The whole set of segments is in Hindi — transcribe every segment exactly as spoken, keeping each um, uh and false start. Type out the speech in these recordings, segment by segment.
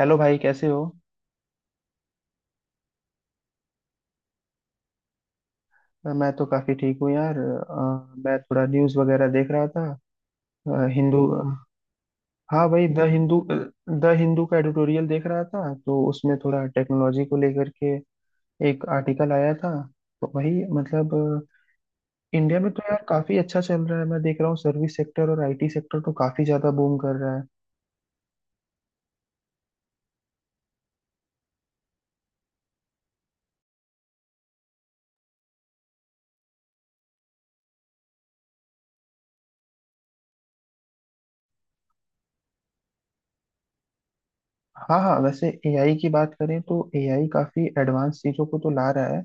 हेलो भाई, कैसे हो? अ, मैं तो काफी ठीक हूँ यार। अ, मैं थोड़ा न्यूज़ वगैरह देख रहा था। अ, हिंदू। हाँ भाई, द हिंदू द हिंदू का एडिटोरियल देख रहा था, तो उसमें थोड़ा टेक्नोलॉजी को लेकर के एक आर्टिकल आया था। तो वही मतलब, अ, इंडिया में तो यार काफी अच्छा चल रहा है। मैं देख रहा हूँ सर्विस सेक्टर और आईटी सेक्टर तो काफी ज्यादा बूम कर रहा है। हाँ हाँ, वैसे एआई की बात करें तो एआई काफी एडवांस चीजों को तो ला रहा है।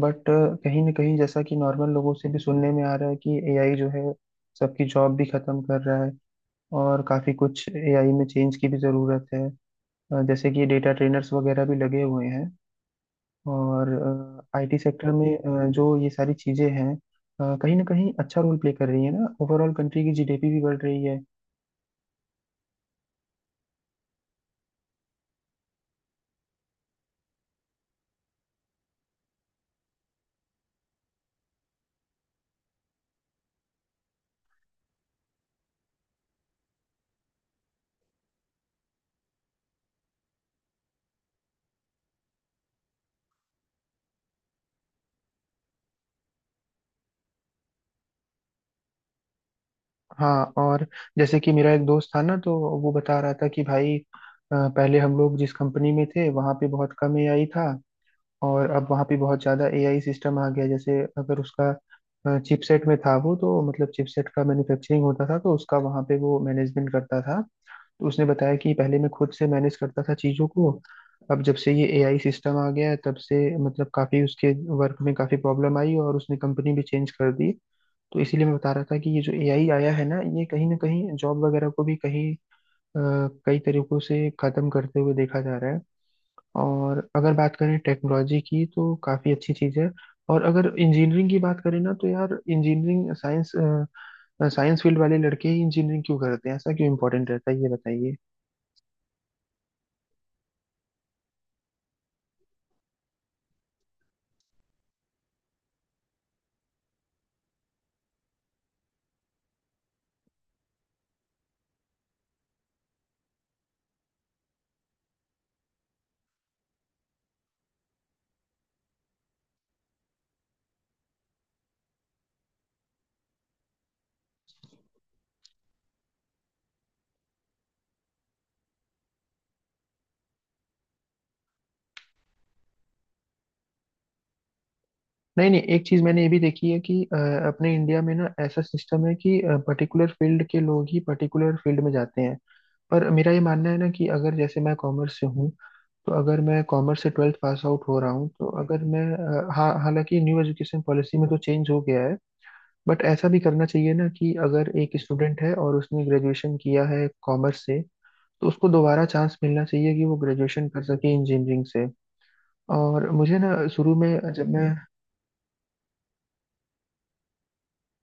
बट अ, कहीं ना कहीं जैसा कि नॉर्मल लोगों से भी सुनने में आ रहा है कि एआई जो है सबकी जॉब भी खत्म कर रहा है। और काफी कुछ एआई में चेंज की भी जरूरत है। अ, जैसे कि डेटा ट्रेनर्स वगैरह भी लगे हुए हैं, और आईटी सेक्टर में अ, जो ये सारी चीजें हैं अ, कहीं ना कहीं अच्छा रोल प्ले कर रही है ना। ओवरऑल कंट्री की जीडीपी भी बढ़ रही है। हाँ, और जैसे कि मेरा एक दोस्त था ना, तो वो बता रहा था कि भाई, अ, पहले हम लोग जिस कंपनी में थे वहां पे बहुत कम एआई था। और अब वहाँ पे बहुत ज़्यादा एआई सिस्टम आ गया। जैसे अगर उसका चिपसेट में था वो, तो मतलब चिपसेट का मैन्युफैक्चरिंग होता था तो उसका वहाँ पे वो मैनेजमेंट करता था। तो उसने बताया कि पहले मैं खुद से मैनेज करता था चीज़ों को, अब जब से ये एआई सिस्टम आ गया है तब से मतलब काफ़ी उसके वर्क में काफ़ी प्रॉब्लम आई, और उसने कंपनी भी चेंज कर दी। तो इसीलिए मैं बता रहा था कि ये जो एआई आया है ना ये कहीं ना कहीं जॉब वगैरह को भी कहीं अ, कई तरीकों से खत्म करते हुए देखा जा रहा है। और अगर बात करें टेक्नोलॉजी की, तो काफ़ी अच्छी चीज़ है। और अगर इंजीनियरिंग की बात करें ना, तो यार इंजीनियरिंग साइंस, साइंस फील्ड वाले लड़के ही इंजीनियरिंग क्यों करते हैं, ऐसा क्यों इम्पोर्टेंट रहता है ये बताइए। नहीं नहीं, एक चीज़ मैंने ये भी देखी है कि अ, अपने इंडिया में ना ऐसा सिस्टम है कि पर्टिकुलर फील्ड के लोग ही पर्टिकुलर फील्ड में जाते हैं। पर मेरा ये मानना है ना, कि अगर जैसे मैं कॉमर्स से हूँ, तो अगर मैं कॉमर्स से ट्वेल्थ पास आउट हो रहा हूँ तो अगर मैं अ, हाँ हालांकि न्यू एजुकेशन पॉलिसी में तो चेंज हो गया है। बट ऐसा भी करना चाहिए ना कि अगर एक स्टूडेंट है और उसने ग्रेजुएशन किया है कॉमर्स से, तो उसको दोबारा चांस मिलना चाहिए कि वो ग्रेजुएशन कर सके इंजीनियरिंग से। और मुझे ना शुरू में जब मैं,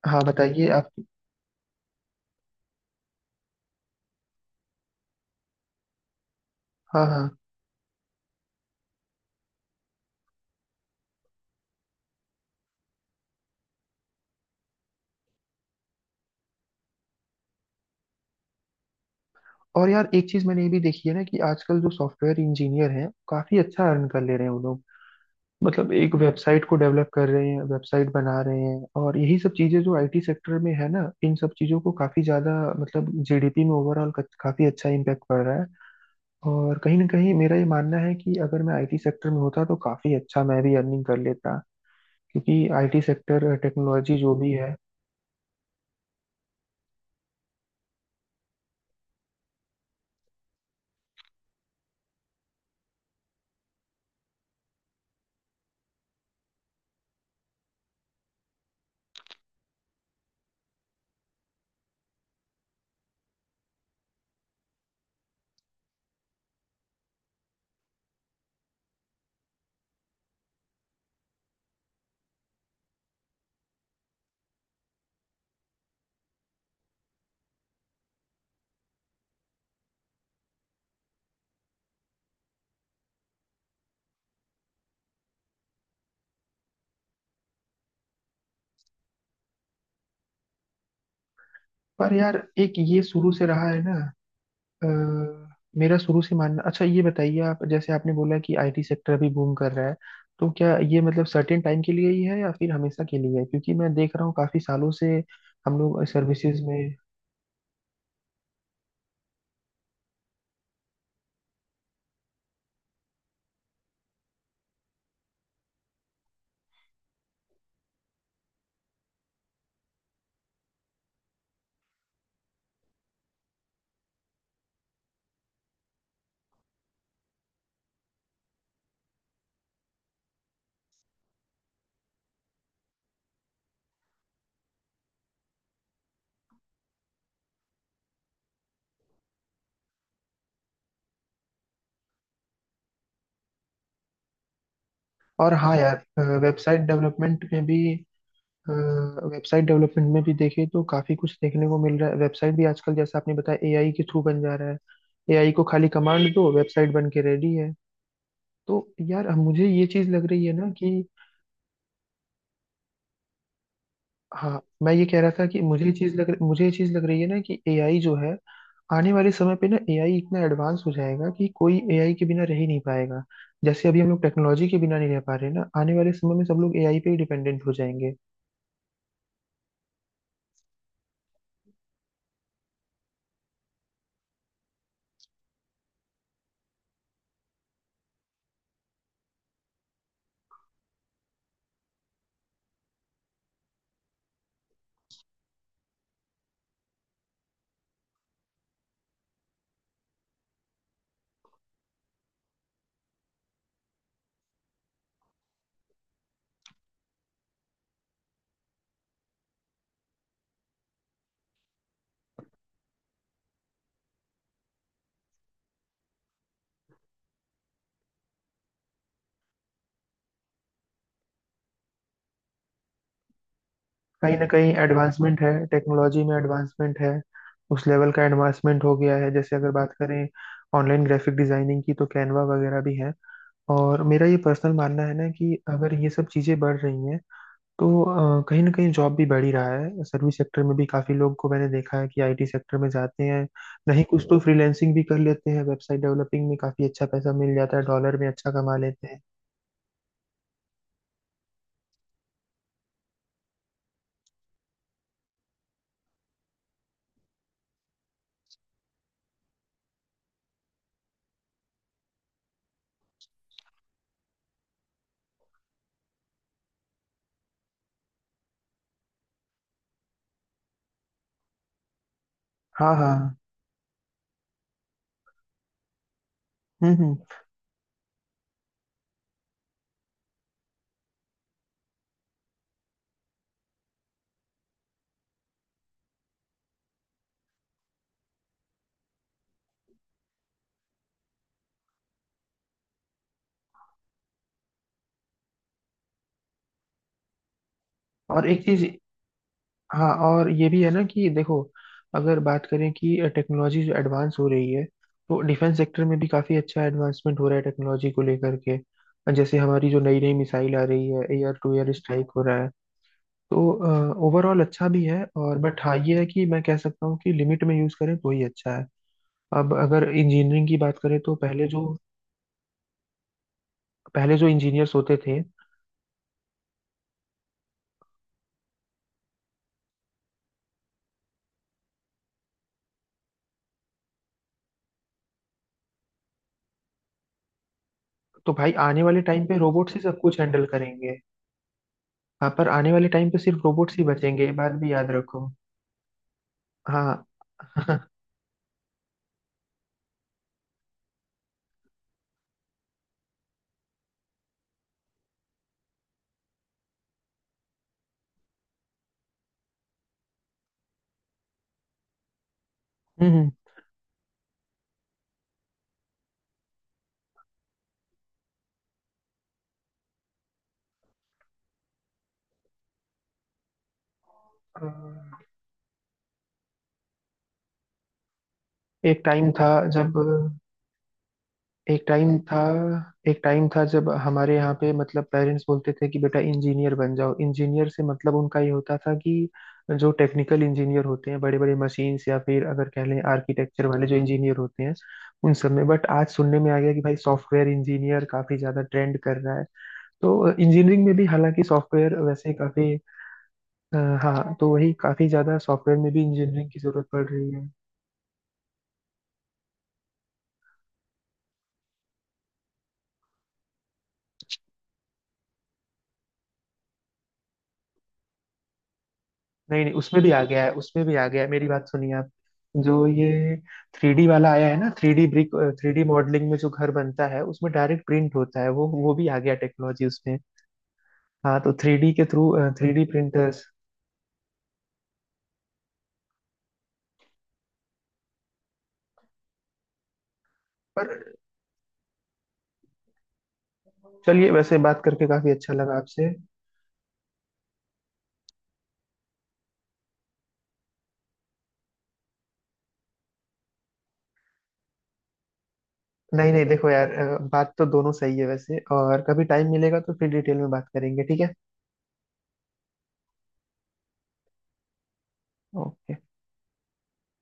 हाँ बताइए आप। हाँ हाँ। और यार एक चीज मैंने ये भी देखी है ना कि आजकल जो सॉफ्टवेयर इंजीनियर हैं काफी अच्छा अर्न कर ले रहे हैं वो लोग। मतलब एक वेबसाइट को डेवलप कर रहे हैं, वेबसाइट बना रहे हैं, और यही सब चीजें जो आईटी सेक्टर में है ना, इन सब चीजों को काफी ज्यादा मतलब जीडीपी में ओवरऑल काफी अच्छा इम्पैक्ट पड़ रहा है। और कहीं ना कहीं मेरा ये मानना है कि अगर मैं आईटी सेक्टर में होता तो काफी अच्छा मैं भी अर्निंग कर लेता, क्योंकि आईटी सेक्टर टेक्नोलॉजी जो भी है। पर यार एक ये शुरू से रहा है ना, अ, मेरा शुरू से मानना, अच्छा ये बताइए आप, जैसे आपने बोला कि आईटी सेक्टर अभी बूम कर रहा है, तो क्या ये मतलब सर्टेन टाइम के लिए ही है या फिर हमेशा के लिए है? क्योंकि मैं देख रहा हूँ काफी सालों से हम लोग सर्विसेज में। और हाँ यार, वेबसाइट डेवलपमेंट में भी वेबसाइट डेवलपमेंट में भी देखें तो काफी कुछ देखने को मिल रहा है। वेबसाइट भी आजकल जैसा आपने बताया एआई के थ्रू बन जा रहा है। एआई को खाली कमांड दो, वेबसाइट बन के रेडी है। तो यार अब मुझे ये चीज लग रही है ना कि, हाँ मैं ये कह रहा था कि मुझे ये चीज लग मुझे ये चीज लग रही है ना कि एआई जो है, आने वाले समय पे ना एआई इतना एडवांस हो जाएगा कि कोई एआई के बिना रह ही नहीं पाएगा। जैसे अभी हम लोग टेक्नोलॉजी के बिना नहीं रह पा रहे ना, आने वाले समय में सब लोग एआई पे ही डिपेंडेंट हो जाएंगे। कहीं ना कहीं एडवांसमेंट है, टेक्नोलॉजी में एडवांसमेंट है। उस लेवल का एडवांसमेंट हो गया है, जैसे अगर बात करें ऑनलाइन ग्राफिक डिजाइनिंग की, तो कैनवा वगैरह भी है। और मेरा ये पर्सनल मानना है ना कि अगर ये सब चीज़ें बढ़ रही हैं, तो अ, कहीं ना कहीं जॉब भी बढ़ ही रहा है। सर्विस सेक्टर में भी काफ़ी लोग को मैंने देखा है कि आईटी सेक्टर में जाते हैं, नहीं कुछ तो फ्रीलैंसिंग भी कर लेते हैं, वेबसाइट डेवलपिंग में काफ़ी अच्छा पैसा मिल जाता है, डॉलर में अच्छा कमा लेते हैं। हाँ हाँ। हम्म हम्म। और एक चीज, हाँ और ये भी है ना कि देखो, अगर बात करें कि टेक्नोलॉजी जो एडवांस हो रही है, तो डिफेंस सेक्टर में भी काफ़ी अच्छा एडवांसमेंट हो रहा है टेक्नोलॉजी को लेकर के। जैसे हमारी जो नई नई मिसाइल आ रही है, एयर टू एयर स्ट्राइक हो रहा है। तो ओवरऑल अच्छा भी है, और बट हाँ ये है कि मैं कह सकता हूँ कि लिमिट में यूज़ करें तो ही अच्छा है। अब अगर इंजीनियरिंग की बात करें, तो पहले जो पहले जो इंजीनियर्स होते थे, तो भाई आने वाले टाइम पे रोबोट्स ही सब कुछ हैंडल करेंगे। हाँ, पर आने वाले टाइम पे सिर्फ रोबोट्स ही बचेंगे ये बात भी याद रखो। हाँ। हम्म। अ, एक टाइम था जब एक टाइम था एक टाइम था जब हमारे यहाँ पे मतलब पेरेंट्स बोलते थे कि बेटा इंजीनियर बन जाओ। इंजीनियर से मतलब उनका ये होता था कि जो टेक्निकल इंजीनियर होते हैं, बड़े बड़े मशीन्स, या फिर अगर कह लें आर्किटेक्चर वाले जो इंजीनियर होते हैं उन सब में। बट आज सुनने में आ गया कि भाई सॉफ्टवेयर इंजीनियर काफी ज्यादा ट्रेंड कर रहा है। तो इंजीनियरिंग में भी हालांकि सॉफ्टवेयर वैसे काफी, अ, हाँ तो वही, काफी ज्यादा सॉफ्टवेयर में भी इंजीनियरिंग की जरूरत पड़ रही है। नहीं नहीं, उसमें भी आ गया है, उसमें भी आ गया है, मेरी बात सुनिए आप। जो ये थ्री डी वाला आया है ना, three D brick, three D modelling में जो घर बनता है उसमें डायरेक्ट प्रिंट होता है, वो वो भी आ गया टेक्नोलॉजी उसमें। हाँ, तो थ्री डी के थ्रू थ्री डी प्रिंटर्स। पर चलिए, वैसे बात करके काफी अच्छा लगा आपसे। नहीं नहीं देखो यार, अ, बात तो दोनों सही है वैसे, और कभी टाइम मिलेगा तो फिर डिटेल में बात करेंगे, ठीक है। ओके।